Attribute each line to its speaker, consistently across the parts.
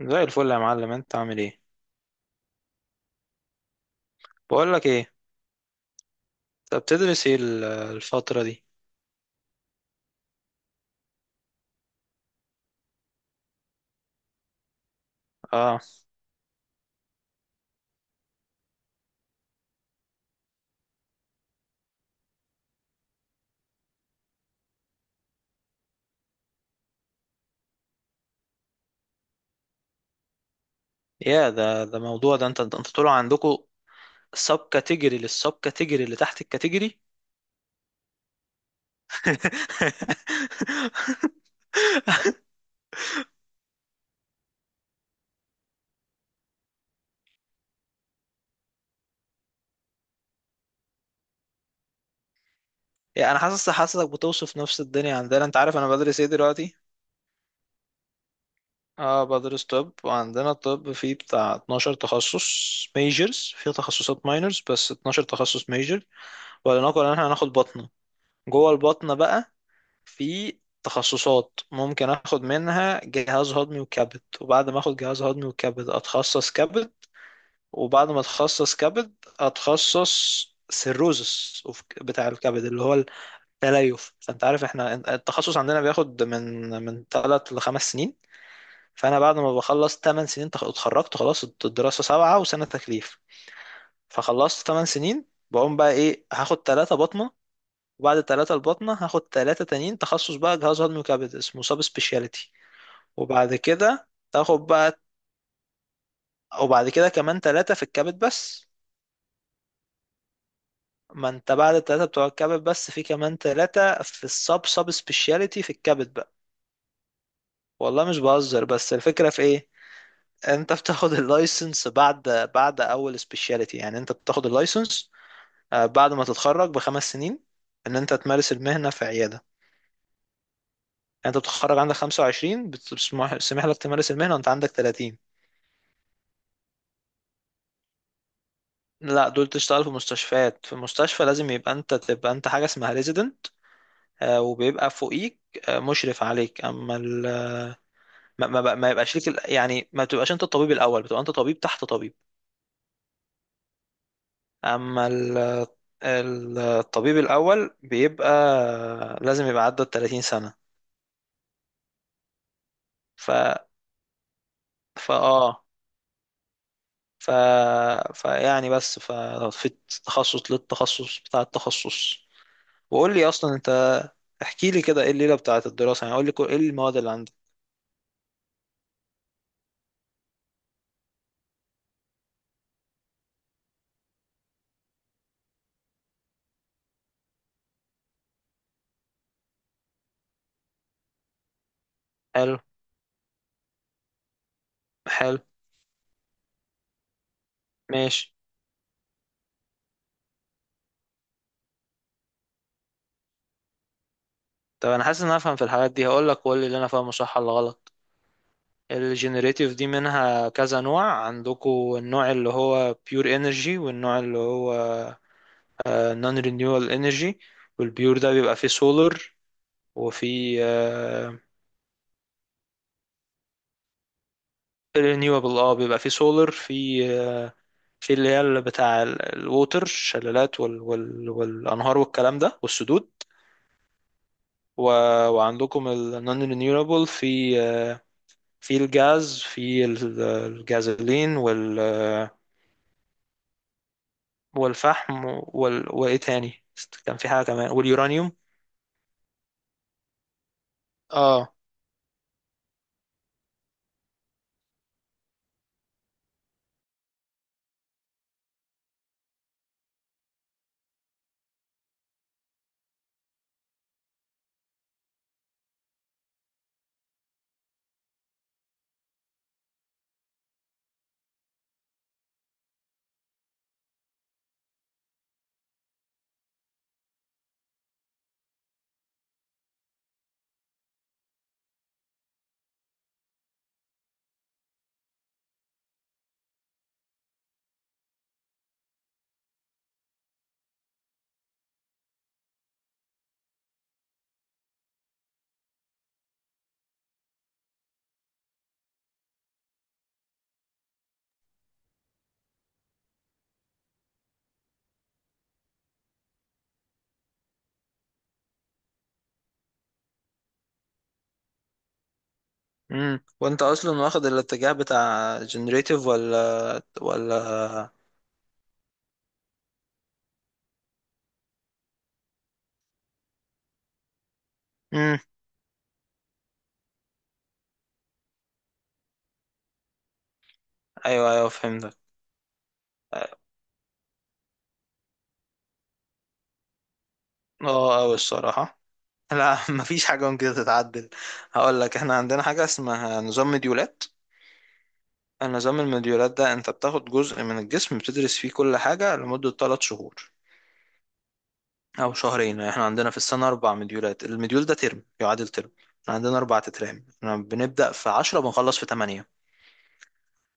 Speaker 1: زي الفل يا معلم، انت عامل ايه؟ بقول لك ايه؟ طب بتدرس ايه الفتره دي؟ اه. يا ده موضوع، ده انت طلع عندكم سب كاتيجوري للسب كاتيجوري اللي تحت الكاتيجوري. يعني انا حاسسك بتوصف نفس الدنيا عندنا. انت عارف انا بدرس ايه دلوقتي؟ اه، بدرس طب. وعندنا الطب فيه بتاع 12 تخصص، ميجرز، فيه تخصصات ماينرز، بس 12 تخصص ميجر. ولنقل ان احنا هناخد بطنه. جوه البطنه بقى في تخصصات ممكن اخد منها جهاز هضمي وكبد، وبعد ما اخد جهاز هضمي وكبد اتخصص كبد. وبعد ما اتخصص كبد اتخصص سيروزس بتاع الكبد، اللي هو التليف. فانت عارف احنا التخصص عندنا بياخد من 3 ل 5 سنين. فانا بعد ما بخلص 8 سنين، اتخرجت خلاص، الدراسة سبعة وسنة تكليف. فخلصت 8 سنين. بقوم بقى ايه؟ هاخد 3. وبعد التلاتة الباطنة هاخد تلاتة تانيين تخصص بقى جهاز هضمي وكبد، اسمه سب سبيشاليتي. وبعد كده تاخد بقى، وبعد كده كمان تلاتة في الكبد بس. ما انت بعد التلاتة بتوع الكبد بس في كمان تلاتة في السب سب سبيشاليتي في الكبد بقى. والله مش بهزر، بس الفكرة في ايه؟ انت بتاخد اللايسنس بعد، بعد اول سبيشاليتي، يعني انت بتاخد اللايسنس. بعد ما تتخرج بخمس سنين، ان انت تمارس المهنة في عيادة. يعني انت بتتخرج عندك 25، بتسمح لك تمارس المهنة وانت عندك 30. لا، دول تشتغل في مستشفيات. في المستشفى لازم يبقى انت تبقى انت حاجه اسمها ريزيدنت، وبيبقى فوقيك مشرف عليك. ما يبقاش ليك يعني ما تبقاش انت الطبيب الاول، بتبقى انت طبيب تحت طبيب. اما ال... الطبيب الاول بيبقى لازم يبقى عدى ال 30 سنه. ف فا اه ف فيعني، بس في تخصص للتخصص بتاع التخصص. وقول لي اصلا انت، احكي لي كده ايه الليله بتاعت الدراسه، يعني قول لي ايه المواد اللي عندك. حلو. حلو. ماشي. طب انا حاسس ان انا افهم في الحاجات دي. هقول لك وقول لي اللي انا فاهمه صح ولا غلط. الجينيريتيف دي منها كذا نوع عندكم. النوع اللي هو بيور انرجي، والنوع اللي هو نون رينيوال انرجي. والبيور ده بيبقى فيه سولار وفي. رينيوبل اه، بيبقى فيه سولار، في في اللي هي اللي بتاع الووتر، الشلالات والانهار والكلام ده والسدود، و... وعندكم النون رينيوبل في في الجاز، في الجازولين والفحم وايه تاني؟ كان في حاجة كمان، واليورانيوم. اه. وانت اصلا واخد الاتجاه بتاع جنريتيف ولا؟ امم ايوه، ايوه، فهمتك. اه اوي الصراحة. لا، مفيش حاجة ممكن تتعدل. هقول لك احنا عندنا حاجة اسمها نظام مديولات. النظام المديولات ده، انت بتاخد جزء من الجسم بتدرس فيه كل حاجة لمدة 3 شهور او شهرين. احنا عندنا في السنه 4 مديولات، المديول ده ترم، يعادل ترم. احنا عندنا 4 تترام. احنا بنبدا في 10، بنخلص في 8.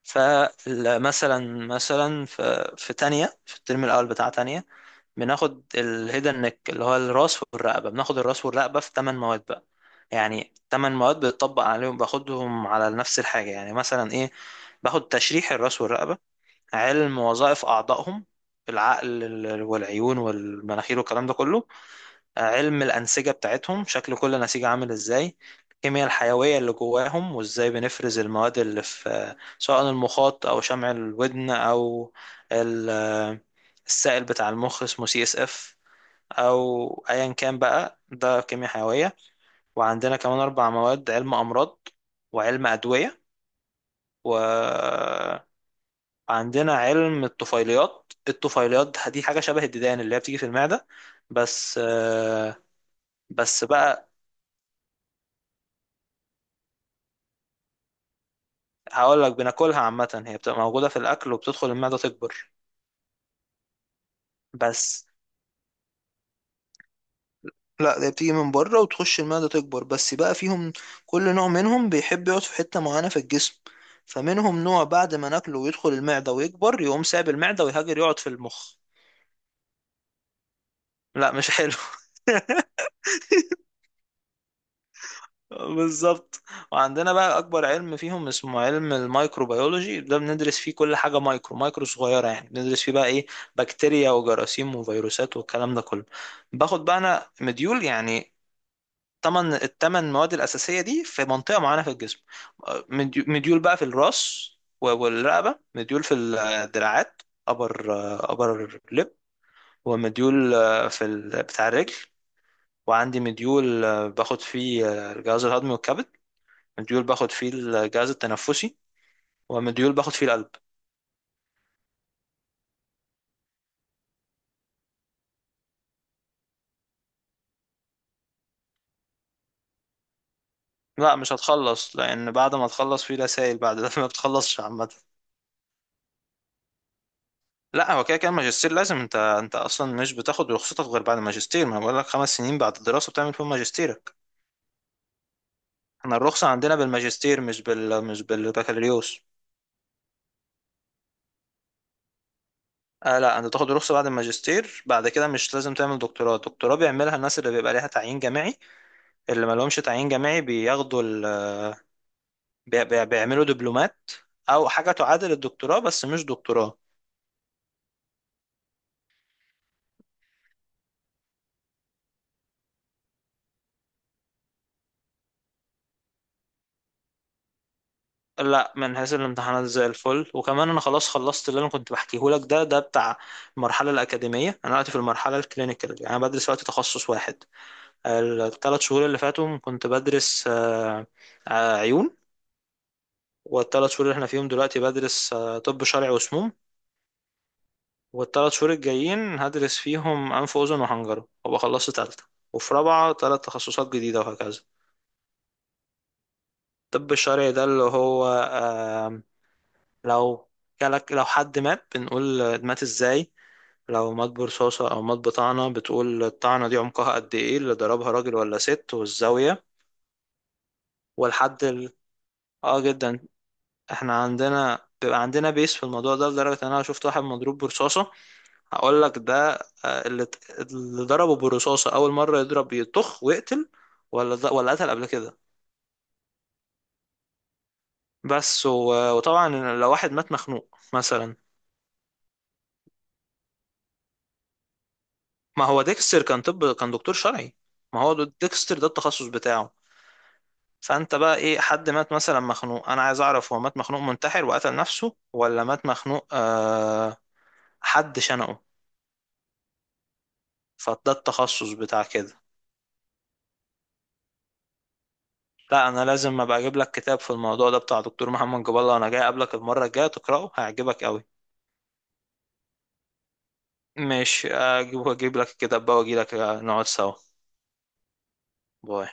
Speaker 1: فمثلا في تانية، في الترم الاول بتاع تانية، بناخد الهيدن نيك اللي هو الراس والرقبه. بناخد الراس والرقبه في 8 مواد بقى. يعني 8 مواد بتطبق عليهم، باخدهم على نفس الحاجه، يعني مثلا ايه؟ باخد تشريح الراس والرقبه، علم وظائف اعضائهم، العقل والعيون والمناخير والكلام ده كله، علم الأنسجة بتاعتهم، شكل كل نسيج عامل ازاي، الكيمياء الحيوية اللي جواهم وازاي بنفرز المواد اللي في، سواء المخاط أو شمع الودن أو ال- السائل بتاع المخ اسمه CSF، أو أيا كان بقى، ده كيمياء حيوية. وعندنا كمان 4 مواد علم أمراض، وعلم أدوية. وعندنا علم الطفيليات. الطفيليات دي حاجة شبه الديدان اللي هي بتيجي في المعدة، بس آه، بس بقى هقول لك، بناكلها عامة، هي بتبقى موجودة في الأكل وبتدخل المعدة تكبر. بس لا، ده بتيجي من بره وتخش المعدة تكبر، بس بقى فيهم كل نوع منهم بيحب يقعد في حتة معينة في الجسم. فمنهم نوع بعد ما ناكله ويدخل المعدة ويكبر يقوم سايب المعدة ويهاجر يقعد في المخ. لا، مش حلو. بالظبط. وعندنا بقى اكبر علم فيهم اسمه علم الميكروبيولوجي. ده بندرس فيه كل حاجه مايكرو مايكرو صغيره، يعني بندرس فيه بقى ايه؟ بكتيريا وجراثيم وفيروسات والكلام ده كله. باخد بقى انا مديول يعني التمن مواد الاساسيه دي في منطقه معينه في الجسم. مديول بقى في الراس والرقبه، مديول في الدراعات، ابر ابر لب، ومديول في بتاع الرجل. وعندي مديول باخد فيه الجهاز الهضمي والكبد، مديول باخد فيه الجهاز التنفسي، ومديول باخد فيه القلب. لا، مش هتخلص، لان بعد ما تخلص في رسائل بعد ده. ما بتخلصش عامه. لا، هو كده كده الماجستير لازم، انت اصلا مش بتاخد رخصتك غير بعد الماجستير. ما أنا بقول لك 5 سنين بعد الدراسه بتعمل فيهم ماجستيرك. احنا الرخصه عندنا بالماجستير، مش بالبكالوريوس. آه لا، انت تاخد رخصه بعد الماجستير. بعد كده مش لازم تعمل دكتوراه. الدكتوراه بيعملها الناس اللي بيبقى ليها تعيين جامعي. اللي ما لهمش تعيين جامعي بياخدوا بيعملوا دبلومات، او حاجه تعادل الدكتوراه بس مش دكتوراه. لا، من حيث الامتحانات زي الفل. وكمان انا خلاص خلصت. اللي انا كنت بحكيه لك ده بتاع المرحله الاكاديميه. انا دلوقتي في المرحله الكلينيكال، يعني انا بدرس وقت تخصص واحد. الثلاث شهور اللي فاتهم كنت بدرس عيون. والثلاث شهور اللي احنا فيهم دلوقتي بدرس طب شرعي وسموم. والثلاث شهور الجايين هدرس فيهم انف واذن وحنجره، وابقى خلصت ثالثه. وفي رابعه 3 تخصصات جديده، وهكذا. الطب الشرعي ده اللي هو، آم، لو جالك، لو حد مات بنقول مات ازاي؟ لو مات برصاصة أو مات بطعنة بتقول الطعنة دي عمقها قد ايه؟ اللي ضربها راجل ولا ست، والزاوية. والحد اه جدا. احنا عندنا بيبقى عندنا بيس في الموضوع ده، لدرجة ان انا شفت واحد مضروب برصاصة. هقول لك ده. اللي ضربه بالرصاصة أول مرة يضرب يطخ ويقتل، ولا ده ولا قتل قبل كده؟ بس وطبعا، لو واحد مات مخنوق مثلا. ما هو ديكستر كان دكتور شرعي. ما هو ديكستر ده التخصص بتاعه. فانت بقى ايه؟ حد مات مثلا مخنوق، انا عايز اعرف هو مات مخنوق منتحر وقتل نفسه ولا مات مخنوق؟ حد شنقه. فده التخصص بتاع كده. لا، انا لازم ابقى اجيب لك كتاب في الموضوع ده، بتاع دكتور محمد جاب الله. انا جاي اقابلك المره الجايه تقراه، هيعجبك قوي. ماشي، اجيب لك الكتاب بقى، واجي لك نقعد سوا. باي.